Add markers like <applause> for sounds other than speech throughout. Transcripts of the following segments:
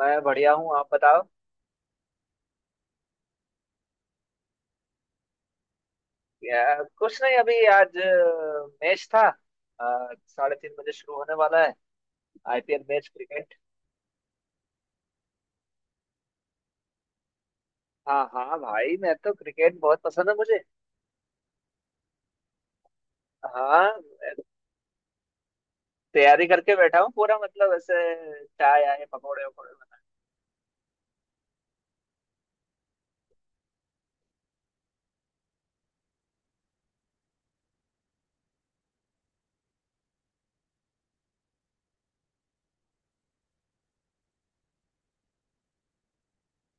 मैं बढ़िया हूँ। आप बताओ? या, कुछ नहीं। अभी आज मैच था। 3:30 बजे शुरू होने वाला है। IPL match, cricket. हाँ हाँ भाई, मैं तो क्रिकेट बहुत पसंद है मुझे। हाँ। तैयारी करके बैठा हूँ पूरा, मतलब ऐसे चाय आए पकौड़े वकौड़े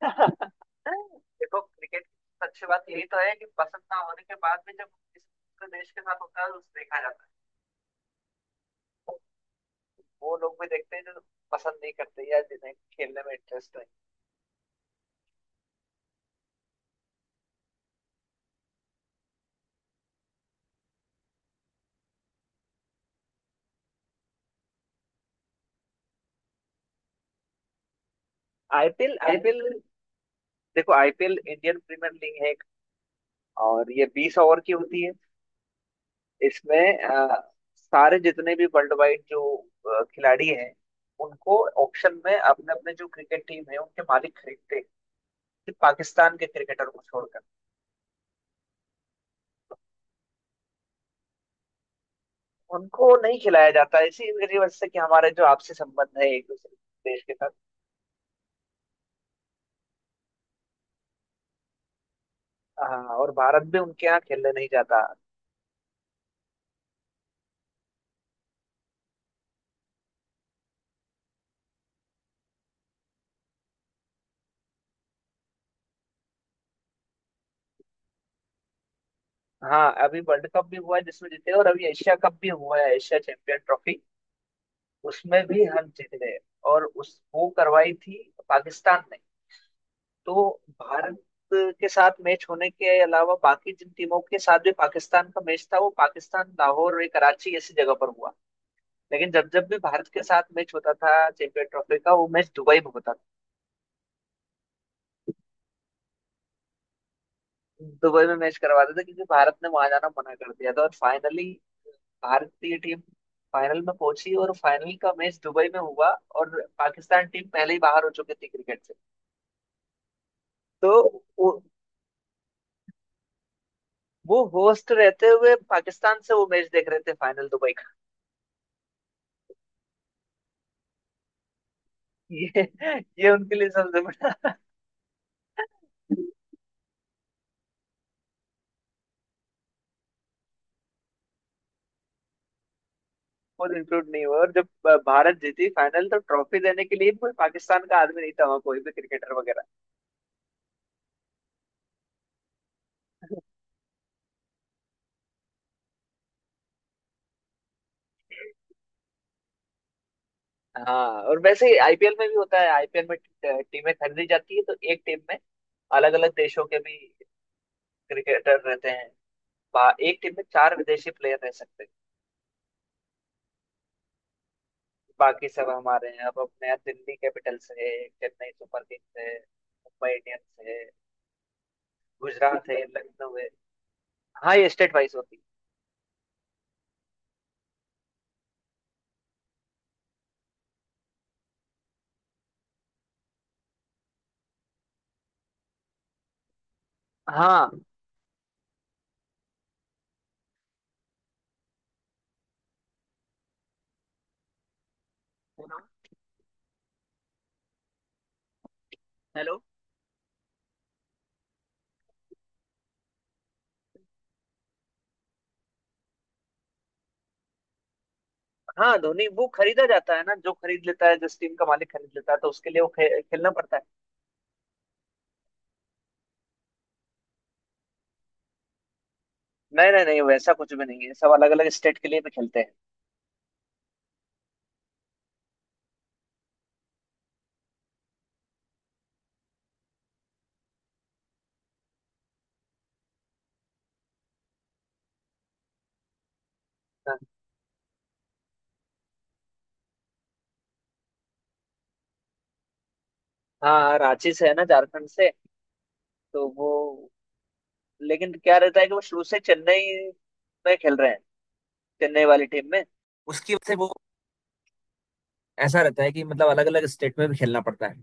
बना। <laughs> देखो, क्रिकेट की अच्छी बात यही तो है कि पसंद ना होने के बाद भी जब किसी दूसरे देश के साथ होता है तो उसे देखा जाता है। वो लोग भी देखते हैं जो पसंद नहीं करते या जिन्हें खेलने में इंटरेस्ट है। IPL IPL. देखो, आईपीएल इंडियन प्रीमियर लीग है एक, और ये 20 ओवर की होती है। इसमें अ, सारे जितने भी वर्ल्ड वाइड जो खिलाड़ी हैं उनको ऑक्शन में अपने अपने जो क्रिकेट टीम है उनके मालिक खरीदते हैं। सिर्फ पाकिस्तान के क्रिकेटर को छोड़कर। उनको नहीं खिलाया जाता, इसी वजह से कि हमारे जो आपसी संबंध है एक दूसरे देश के साथ। हाँ, और भारत भी उनके यहाँ खेलने नहीं जाता। हाँ, अभी वर्ल्ड कप भी हुआ है जिसमें जीते, और अभी एशिया कप भी हुआ है, एशिया चैंपियन ट्रॉफी। उसमें भी हम जीत गए। और उस वो करवाई थी पाकिस्तान ने। तो भारत के साथ मैच होने के अलावा बाकी जिन टीमों के साथ भी पाकिस्तान का मैच था, वो पाकिस्तान, लाहौर और कराची ऐसी जगह पर हुआ। लेकिन जब जब भी भारत के साथ मैच होता था चैंपियन ट्रॉफी का, वो मैच दुबई में होता था। दुबई में मैच करवाते थे क्योंकि भारत ने वहां जाना मना कर दिया था, और फाइनली भारतीय टीम फाइनल में पहुंची और फाइनल का मैच दुबई में हुआ। और पाकिस्तान टीम पहले ही बाहर हो चुकी थी क्रिकेट से। तो वो होस्ट रहते हुए पाकिस्तान से वो मैच देख रहे थे, फाइनल दुबई का। ये ये उनके लिए सबसे बड़ा। और इंक्लूड नहीं हुआ, और जब भारत जीती फाइनल तो ट्रॉफी देने के लिए भी कोई पाकिस्तान का आदमी नहीं था वहाँ, कोई भी क्रिकेटर वगैरह। हाँ, और वैसे ही आईपीएल में भी होता है। आईपीएल में टीमें खरीदी जाती है तो एक टीम में अलग अलग देशों के भी क्रिकेटर रहते हैं। एक टीम में चार विदेशी प्लेयर रह सकते हैं। बाकी सब हमारे हैं। अब अपने यहाँ दिल्ली कैपिटल्स है, चेन्नई सुपर किंग्स है, मुंबई इंडियंस है, गुजरात है, लखनऊ है। हाँ, ये स्टेट वाइज होती है। हाँ। हेलो। हाँ, धोनी वो खरीदा जाता है ना, जो खरीद लेता है जिस टीम का मालिक खरीद लेता है तो उसके लिए वो खेलना पड़ता है। नहीं नहीं नहीं, वैसा कुछ भी नहीं है, सब अलग अलग स्टेट के लिए भी खेलते हैं। हाँ हाँ, रांची से है ना, झारखंड से। तो वो लेकिन क्या रहता है कि वो शुरू से चेन्नई में खेल रहे हैं, चेन्नई वाली टीम में। उसकी वजह से वो ऐसा रहता है कि मतलब अलग अलग स्टेट में भी खेलना पड़ता है।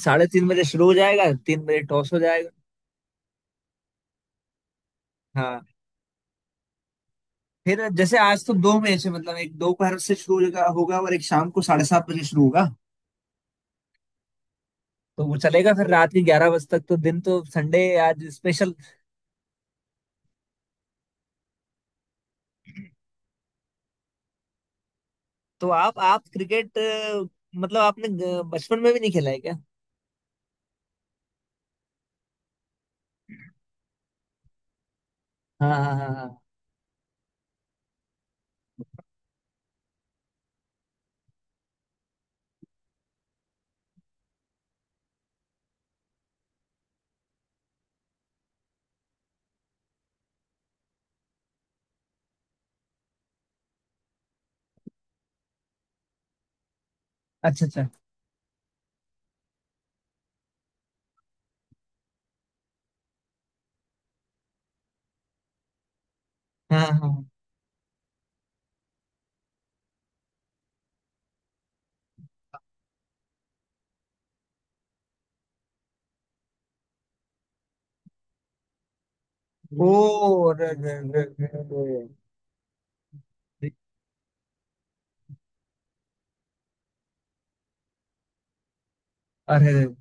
साढ़े तीन बजे शुरू हो जाएगा, 3 बजे टॉस हो जाएगा। हाँ। फिर जैसे आज तो दो मैच है, मतलब एक दोपहर से शुरू होगा होगा और एक शाम को 7:30 बजे शुरू होगा। तो वो चलेगा फिर रात के 11 बजे तक। तो दिन तो संडे, आज स्पेशल। तो आप क्रिकेट मतलब आपने बचपन में भी नहीं खेला है क्या? हाँ हाँ हाँ हाँ। अच्छा अच्छा। हाँ हाँ हाँ। ओ अरे अरे, अरे, अरे, <laughs> अरे, अरे, अरे।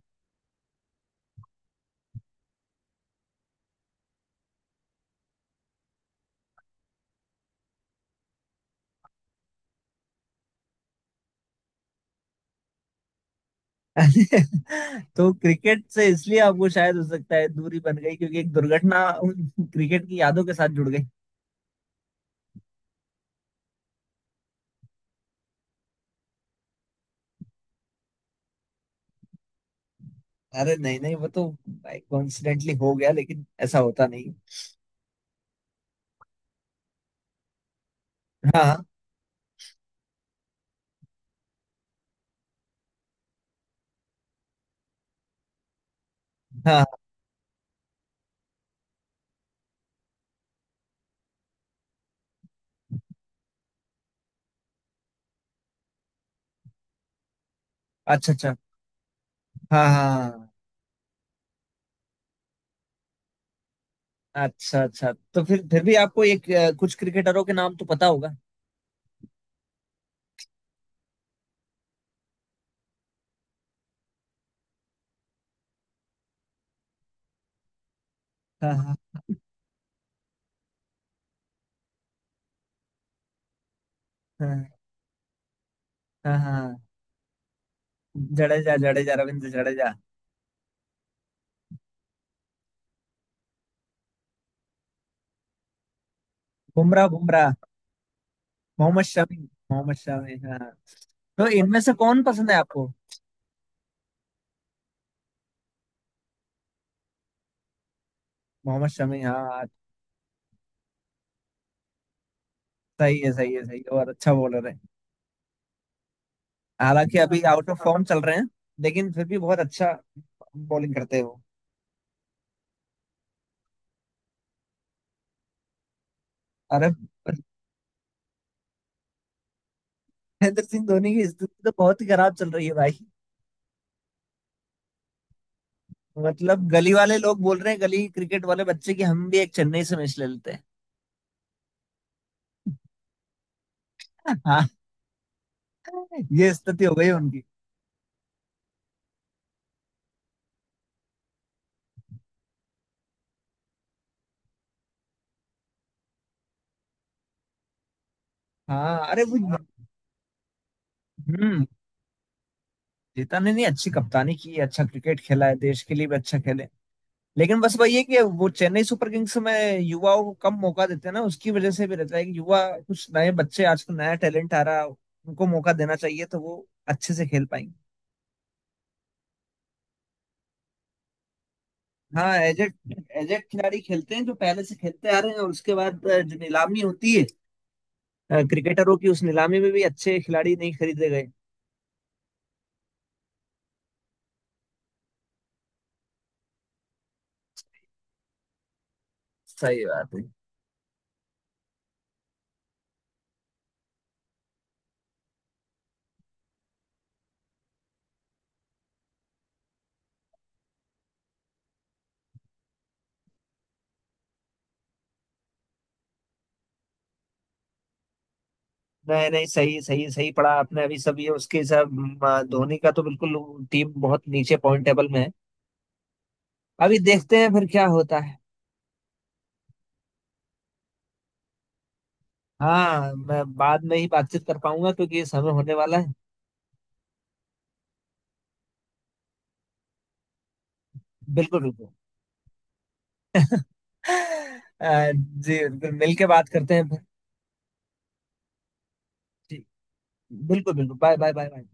<laughs> तो क्रिकेट से इसलिए आपको शायद हो सकता है दूरी बन गई क्योंकि एक दुर्घटना उन क्रिकेट की यादों के साथ जुड़ गई। अरे नहीं नहीं, वो तो कोइंसिडेंटली हो गया, लेकिन ऐसा होता नहीं। हाँ हाँ हाँ, अच्छा अच्छा। हाँ हाँ। अच्छा अच्छा, तो फिर भी आपको एक कुछ क्रिकेटरों के नाम तो पता होगा? हाँ हाँ हाँ हाँ हाँ। जडेजा जडेजा, रविंद्र जडेजा। बुमराह बुमराह, मोहम्मद शमी, मोहम्मद शमी हाँ। तो इनमें से कौन पसंद है आपको? मोहम्मद शमी हाँ। सही है, सही है, सही है, और अच्छा बॉलर है। हालांकि अभी आउट ऑफ फॉर्म चल रहे हैं, लेकिन फिर भी बहुत अच्छा बॉलिंग करते हो। अरे, महेंद्र सिंह धोनी की स्थिति तो बहुत ही खराब चल रही है भाई। मतलब गली वाले लोग बोल रहे हैं गली क्रिकेट वाले बच्चे की, हम भी एक चेन्नई से मैच ले लेते हैं। <laughs> हाँ, ये स्थिति हो गई है उनकी। हाँ, अरे वो। हम्म। जीता ने नहीं, अच्छी कप्तानी की, अच्छा क्रिकेट खेला है, देश के लिए भी अच्छा खेले। लेकिन बस वही है कि वो चेन्नई सुपर किंग्स में युवाओं को कम मौका देते हैं ना, उसकी वजह से भी रहता है कि युवा कुछ नए बच्चे आजकल नया टैलेंट आ रहा है, उनको मौका देना चाहिए तो वो अच्छे से खेल पाएंगे। हाँ, एजेड एजेड खिलाड़ी खेलते हैं जो पहले से खेलते आ रहे हैं, और उसके बाद जो नीलामी होती है क्रिकेटरों की, उस नीलामी में भी अच्छे खिलाड़ी नहीं खरीदे गए। सही बात है। नहीं नहीं, सही सही सही पढ़ा आपने। अभी सब ये उसके सब धोनी का तो बिल्कुल टीम बहुत नीचे पॉइंट टेबल में है। अभी देखते हैं फिर क्या होता है। हाँ, मैं बाद में ही बातचीत कर पाऊंगा क्योंकि ये समय होने वाला है। बिल्कुल बिल्कुल। <laughs> जी बिल्कुल, मिल के बात करते हैं फिर। जी बिल्कुल बिल्कुल, बाय बाय बाय बाय।